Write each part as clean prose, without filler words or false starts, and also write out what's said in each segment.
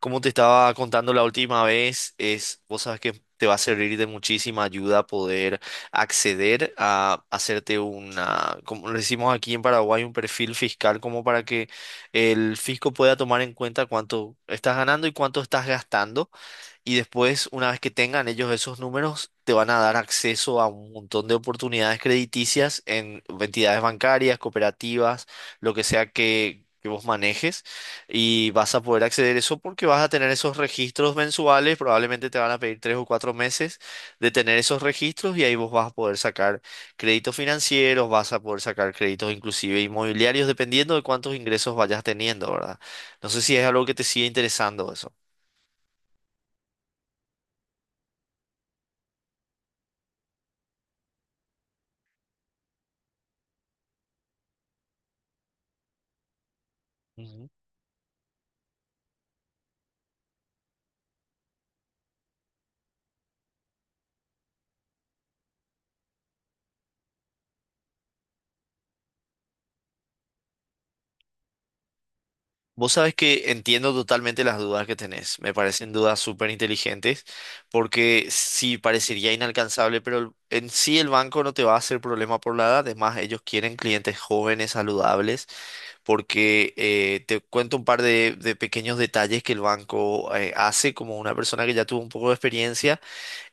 Como te estaba contando la última vez, vos sabes que te va a servir de muchísima ayuda poder acceder a hacerte una, como le decimos aquí en Paraguay, un perfil fiscal, como para que el fisco pueda tomar en cuenta cuánto estás ganando y cuánto estás gastando, y después, una vez que tengan ellos esos números, te van a dar acceso a un montón de oportunidades crediticias en entidades bancarias, cooperativas, lo que sea que vos manejes. Y vas a poder acceder a eso porque vas a tener esos registros mensuales. Probablemente te van a pedir tres o cuatro meses de tener esos registros y ahí vos vas a poder sacar créditos financieros, vas a poder sacar créditos inclusive inmobiliarios, dependiendo de cuántos ingresos vayas teniendo, ¿verdad? No sé si es algo que te sigue interesando eso. Vos sabés que entiendo totalmente las dudas que tenés. Me parecen dudas súper inteligentes porque sí parecería inalcanzable, pero en sí el banco no te va a hacer problema por la edad. Además, ellos quieren clientes jóvenes, saludables, porque te cuento un par de pequeños detalles que el banco hace como una persona que ya tuvo un poco de experiencia.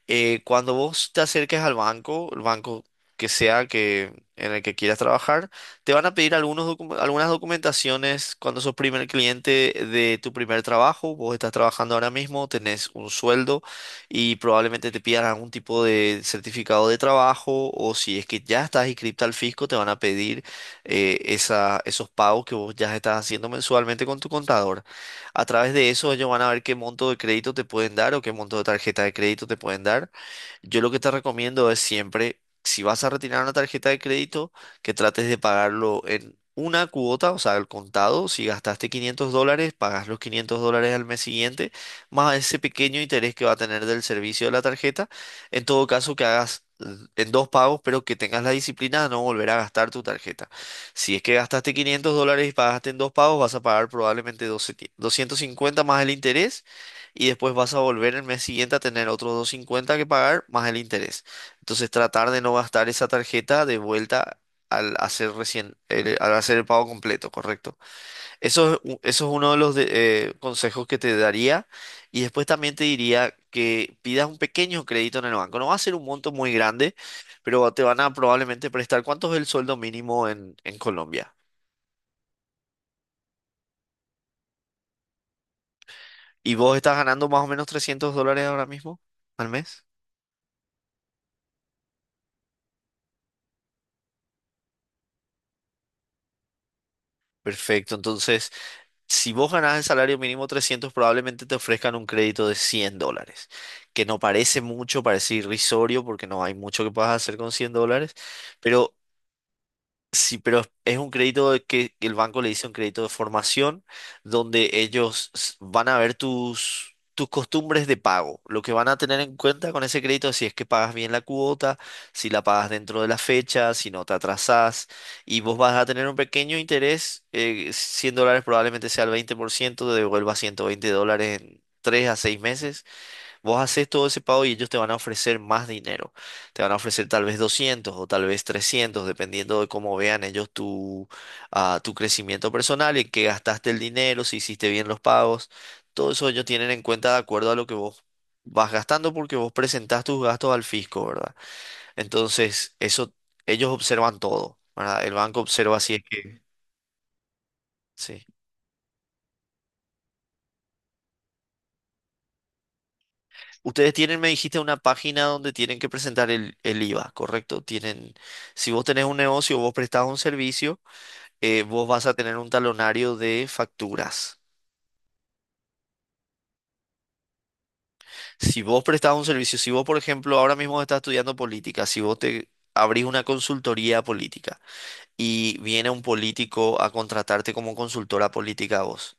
Cuando vos te acerques al banco, el banco que sea que, en el que quieras trabajar, te van a pedir algunas documentaciones cuando sos primer cliente de tu primer trabajo. Vos estás trabajando ahora mismo, tenés un sueldo y probablemente te pidan algún tipo de certificado de trabajo o si es que ya estás inscripta al fisco, te van a pedir esos pagos que vos ya estás haciendo mensualmente con tu contador. A través de eso ellos van a ver qué monto de crédito te pueden dar o qué monto de tarjeta de crédito te pueden dar. Yo lo que te recomiendo es siempre, si vas a retirar una tarjeta de crédito, que trates de pagarlo en una cuota, o sea, al contado. Si gastaste $500, pagas los $500 al mes siguiente, más ese pequeño interés que va a tener del servicio de la tarjeta. En todo caso, que hagas en dos pagos, pero que tengas la disciplina de no volver a gastar tu tarjeta. Si es que gastaste $500 y pagaste en dos pagos, vas a pagar probablemente 12 250 más el interés y después vas a volver el mes siguiente a tener otros 250 que pagar más el interés. Entonces tratar de no gastar esa tarjeta de vuelta al hacer recién, al hacer el pago completo, ¿correcto? Eso es uno de los consejos que te daría. Y después también te diría que pidas un pequeño crédito en el banco. No va a ser un monto muy grande, pero te van a probablemente prestar. ¿Cuánto es el sueldo mínimo en Colombia? ¿Y vos estás ganando más o menos $300 ahora mismo al mes? Perfecto. Entonces, si vos ganás el salario mínimo 300 probablemente te ofrezcan un crédito de $100, que no parece mucho, parece irrisorio porque no hay mucho que puedas hacer con $100. Pero. Sí, pero es un crédito de que el banco le dice un crédito de formación donde van a ver tus costumbres de pago. Lo que van a tener en cuenta con ese crédito es si es que pagas bien la cuota, si la pagas dentro de la fecha, si no te atrasás. Y vos vas a tener un pequeño interés, $100 probablemente sea el 20% te devuelva $120 en 3 a 6 meses. Vos haces todo ese pago y ellos te van a ofrecer más dinero. Te van a ofrecer tal vez 200 o tal vez 300 dependiendo de cómo vean ellos tu crecimiento personal, en qué gastaste el dinero, si hiciste bien los pagos. Todo eso ellos tienen en cuenta de acuerdo a lo que vos vas gastando porque vos presentás tus gastos al fisco, ¿verdad? Entonces, eso ellos observan todo, ¿verdad? El banco observa si es que... Sí. Ustedes tienen, me dijiste, una página donde tienen que presentar el IVA, ¿correcto? Tienen, si vos tenés un negocio, vos prestás un servicio, vos vas a tener un talonario de facturas. Si vos prestás un servicio, si vos, por ejemplo, ahora mismo estás estudiando política, si vos te abrís una consultoría política y viene un político a contratarte como consultora política a vos.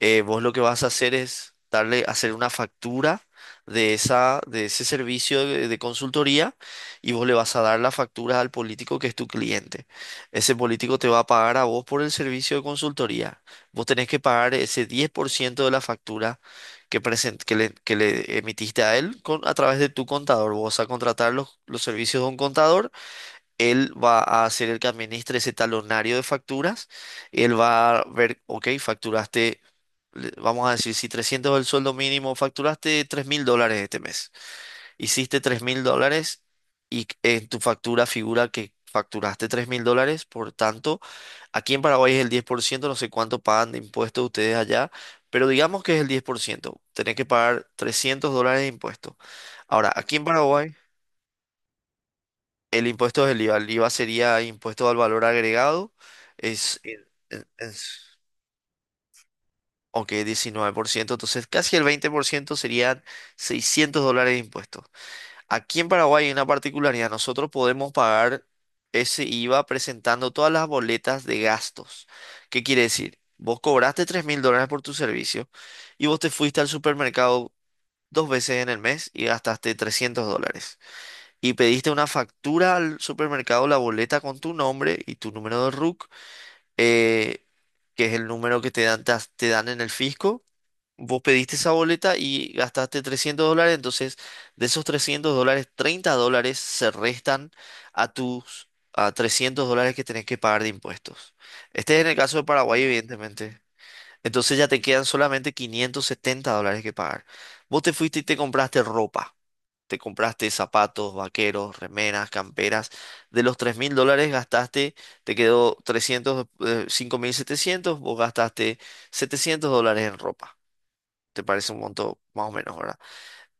Vos lo que vas a hacer es darle, hacer una factura de ese servicio de consultoría y vos le vas a dar la factura al político que es tu cliente. Ese político te va a pagar a vos por el servicio de consultoría. Vos tenés que pagar ese 10% de la factura que le emitiste a él con, a través de tu contador. Vos vas a contratar los servicios de un contador. Él va a ser el que administre ese talonario de facturas. Él va a ver, ok, facturaste, vamos a decir, si 300 es el sueldo mínimo, facturaste $3.000 este mes. Hiciste $3.000 y en tu factura figura que facturaste $3.000. Por tanto, aquí en Paraguay es el 10%. No sé cuánto pagan de impuestos ustedes allá, pero digamos que es el 10%. Tenés que pagar $300 de impuestos. Ahora, aquí en Paraguay... El impuesto es el IVA. El IVA sería impuesto al valor agregado. Es, en- es- ok, 19%. Entonces, casi el 20% serían $600 de impuestos. Aquí en Paraguay hay una particularidad. Nosotros podemos pagar ese IVA presentando todas las boletas de gastos. ¿Qué quiere decir? Vos cobraste $3.000 por tu servicio y vos te fuiste al supermercado dos veces en el mes y gastaste $300 y pediste una factura al supermercado, la boleta con tu nombre y tu número de RUC, eh, que es el número que te dan, te dan en el fisco. Vos pediste esa boleta y gastaste $300, entonces de esos $300, $30 se restan a tus a $300 que tenés que pagar de impuestos. Este es en el caso de Paraguay, evidentemente. Entonces ya te quedan solamente $570 que pagar. Vos te fuiste y te compraste ropa, te compraste zapatos, vaqueros, remeras, camperas. De los $3.000 gastaste, te quedó 300, 5.700 vos gastaste $700 en ropa. Te parece un monto más o menos, ¿verdad?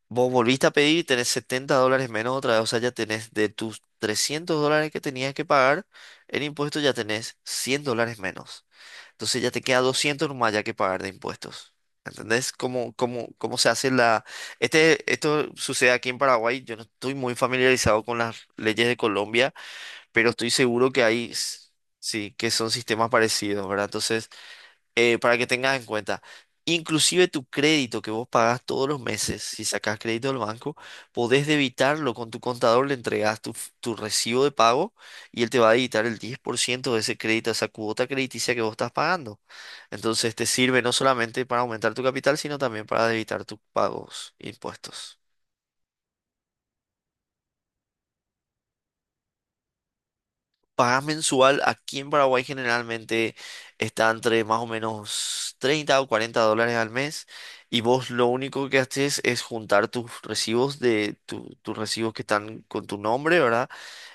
Vos volviste a pedir y tenés $70 menos otra vez, o sea, ya tenés de tus $300 que tenías que pagar en impuestos, ya tenés $100 menos. Entonces ya te queda 200 nomás ya que pagar de impuestos. ¿Entendés cómo se hace la... Este, esto sucede aquí en Paraguay. Yo no estoy muy familiarizado con las leyes de Colombia, pero estoy seguro que hay, sí, que son sistemas parecidos, ¿verdad? Entonces, para que tengas en cuenta. Inclusive tu crédito que vos pagás todos los meses, si sacás crédito del banco, podés debitarlo con tu contador, le entregás tu recibo de pago y él te va a debitar el 10% de ese crédito, esa cuota crediticia que vos estás pagando. Entonces te sirve no solamente para aumentar tu capital, sino también para debitar tus pagos, impuestos. Pagás mensual aquí en Paraguay generalmente está entre más o menos $30 o $40 al mes y vos lo único que haces es juntar tus recibos que están con tu nombre, ¿verdad?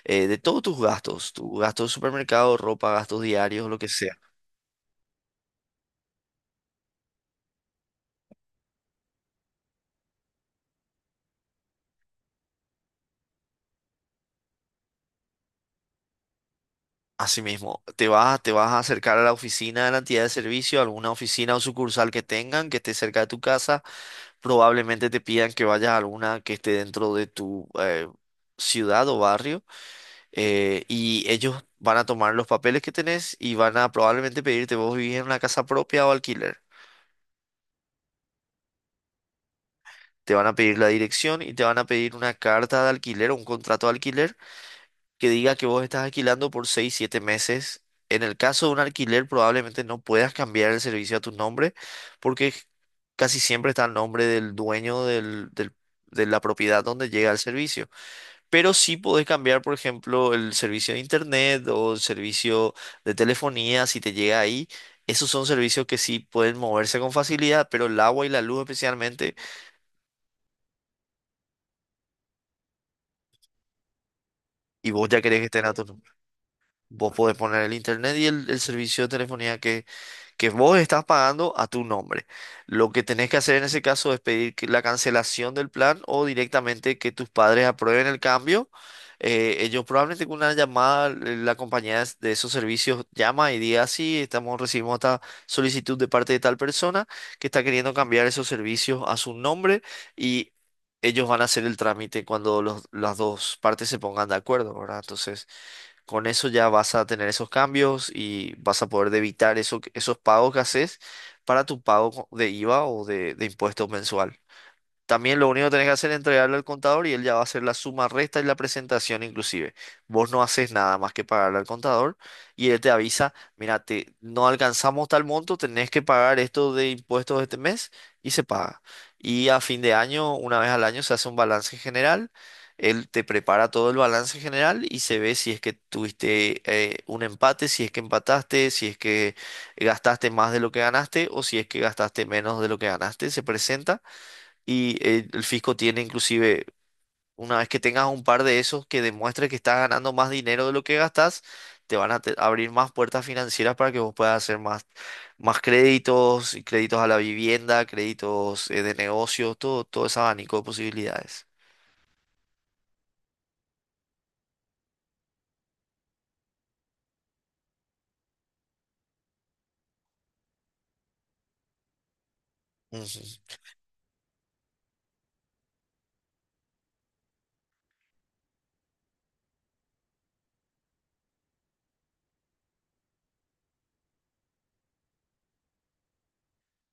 De todos tus gastos, tu gasto de supermercado, ropa, gastos diarios, lo que sea. Asimismo, te vas a acercar a la oficina de la entidad de servicio, alguna oficina o sucursal que tengan, que esté cerca de tu casa. Probablemente te pidan que vayas a alguna que esté dentro de tu ciudad o barrio. Y ellos van a tomar los papeles que tenés y van a probablemente pedirte, vos vivís en una casa propia o alquiler. Te van a pedir la dirección y te van a pedir una carta de alquiler o un contrato de alquiler que diga que vos estás alquilando por 6 7 meses. En el caso de un alquiler, probablemente no puedas cambiar el servicio a tu nombre, porque casi siempre está el nombre del dueño de la propiedad donde llega el servicio. Pero sí podés cambiar, por ejemplo, el servicio de internet o el servicio de telefonía, si te llega ahí. Esos son servicios que sí pueden moverse con facilidad, pero el agua y la luz especialmente, y vos ya querés que estén a tu nombre. Vos podés poner el internet y el servicio de telefonía que vos estás pagando a tu nombre. Lo que tenés que hacer en ese caso es pedir la cancelación del plan o directamente que tus padres aprueben el cambio. Ellos probablemente con una llamada, la compañía de esos servicios llama y diga, sí, estamos, recibimos esta solicitud de parte de tal persona que está queriendo cambiar esos servicios a su nombre y ellos van a hacer el trámite cuando las dos partes se pongan de acuerdo, ¿verdad? Entonces... Con eso ya vas a tener esos cambios y vas a poder evitar eso, esos pagos que haces para tu pago de IVA o de impuesto mensual. También lo único que tenés que hacer es entregarle al contador y él ya va a hacer la suma, resta y la presentación inclusive. Vos no haces nada más que pagarle al contador y él te avisa, mira, no alcanzamos tal monto, tenés que pagar esto de impuestos este mes y se paga. Y a fin de año, una vez al año, se hace un balance general. Él te prepara todo el balance general y se ve si es que tuviste un empate, si es que empataste, si es que gastaste más de lo que ganaste o si es que gastaste menos de lo que ganaste. Se presenta. Y el fisco tiene inclusive, una vez que tengas un par de esos que demuestre que estás ganando más dinero de lo que gastas, te van a abrir más puertas financieras para que vos puedas hacer más, más créditos, y créditos a la vivienda, créditos de negocios, todo, todo ese abanico de posibilidades. Ujú.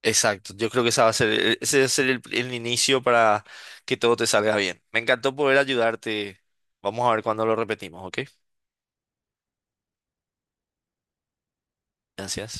Exacto, yo creo que esa va a ser, el- ese va a ser el inicio para que todo te salga bien. Me encantó poder ayudarte. Vamos a ver cuándo lo repetimos, ¿ok? Gracias.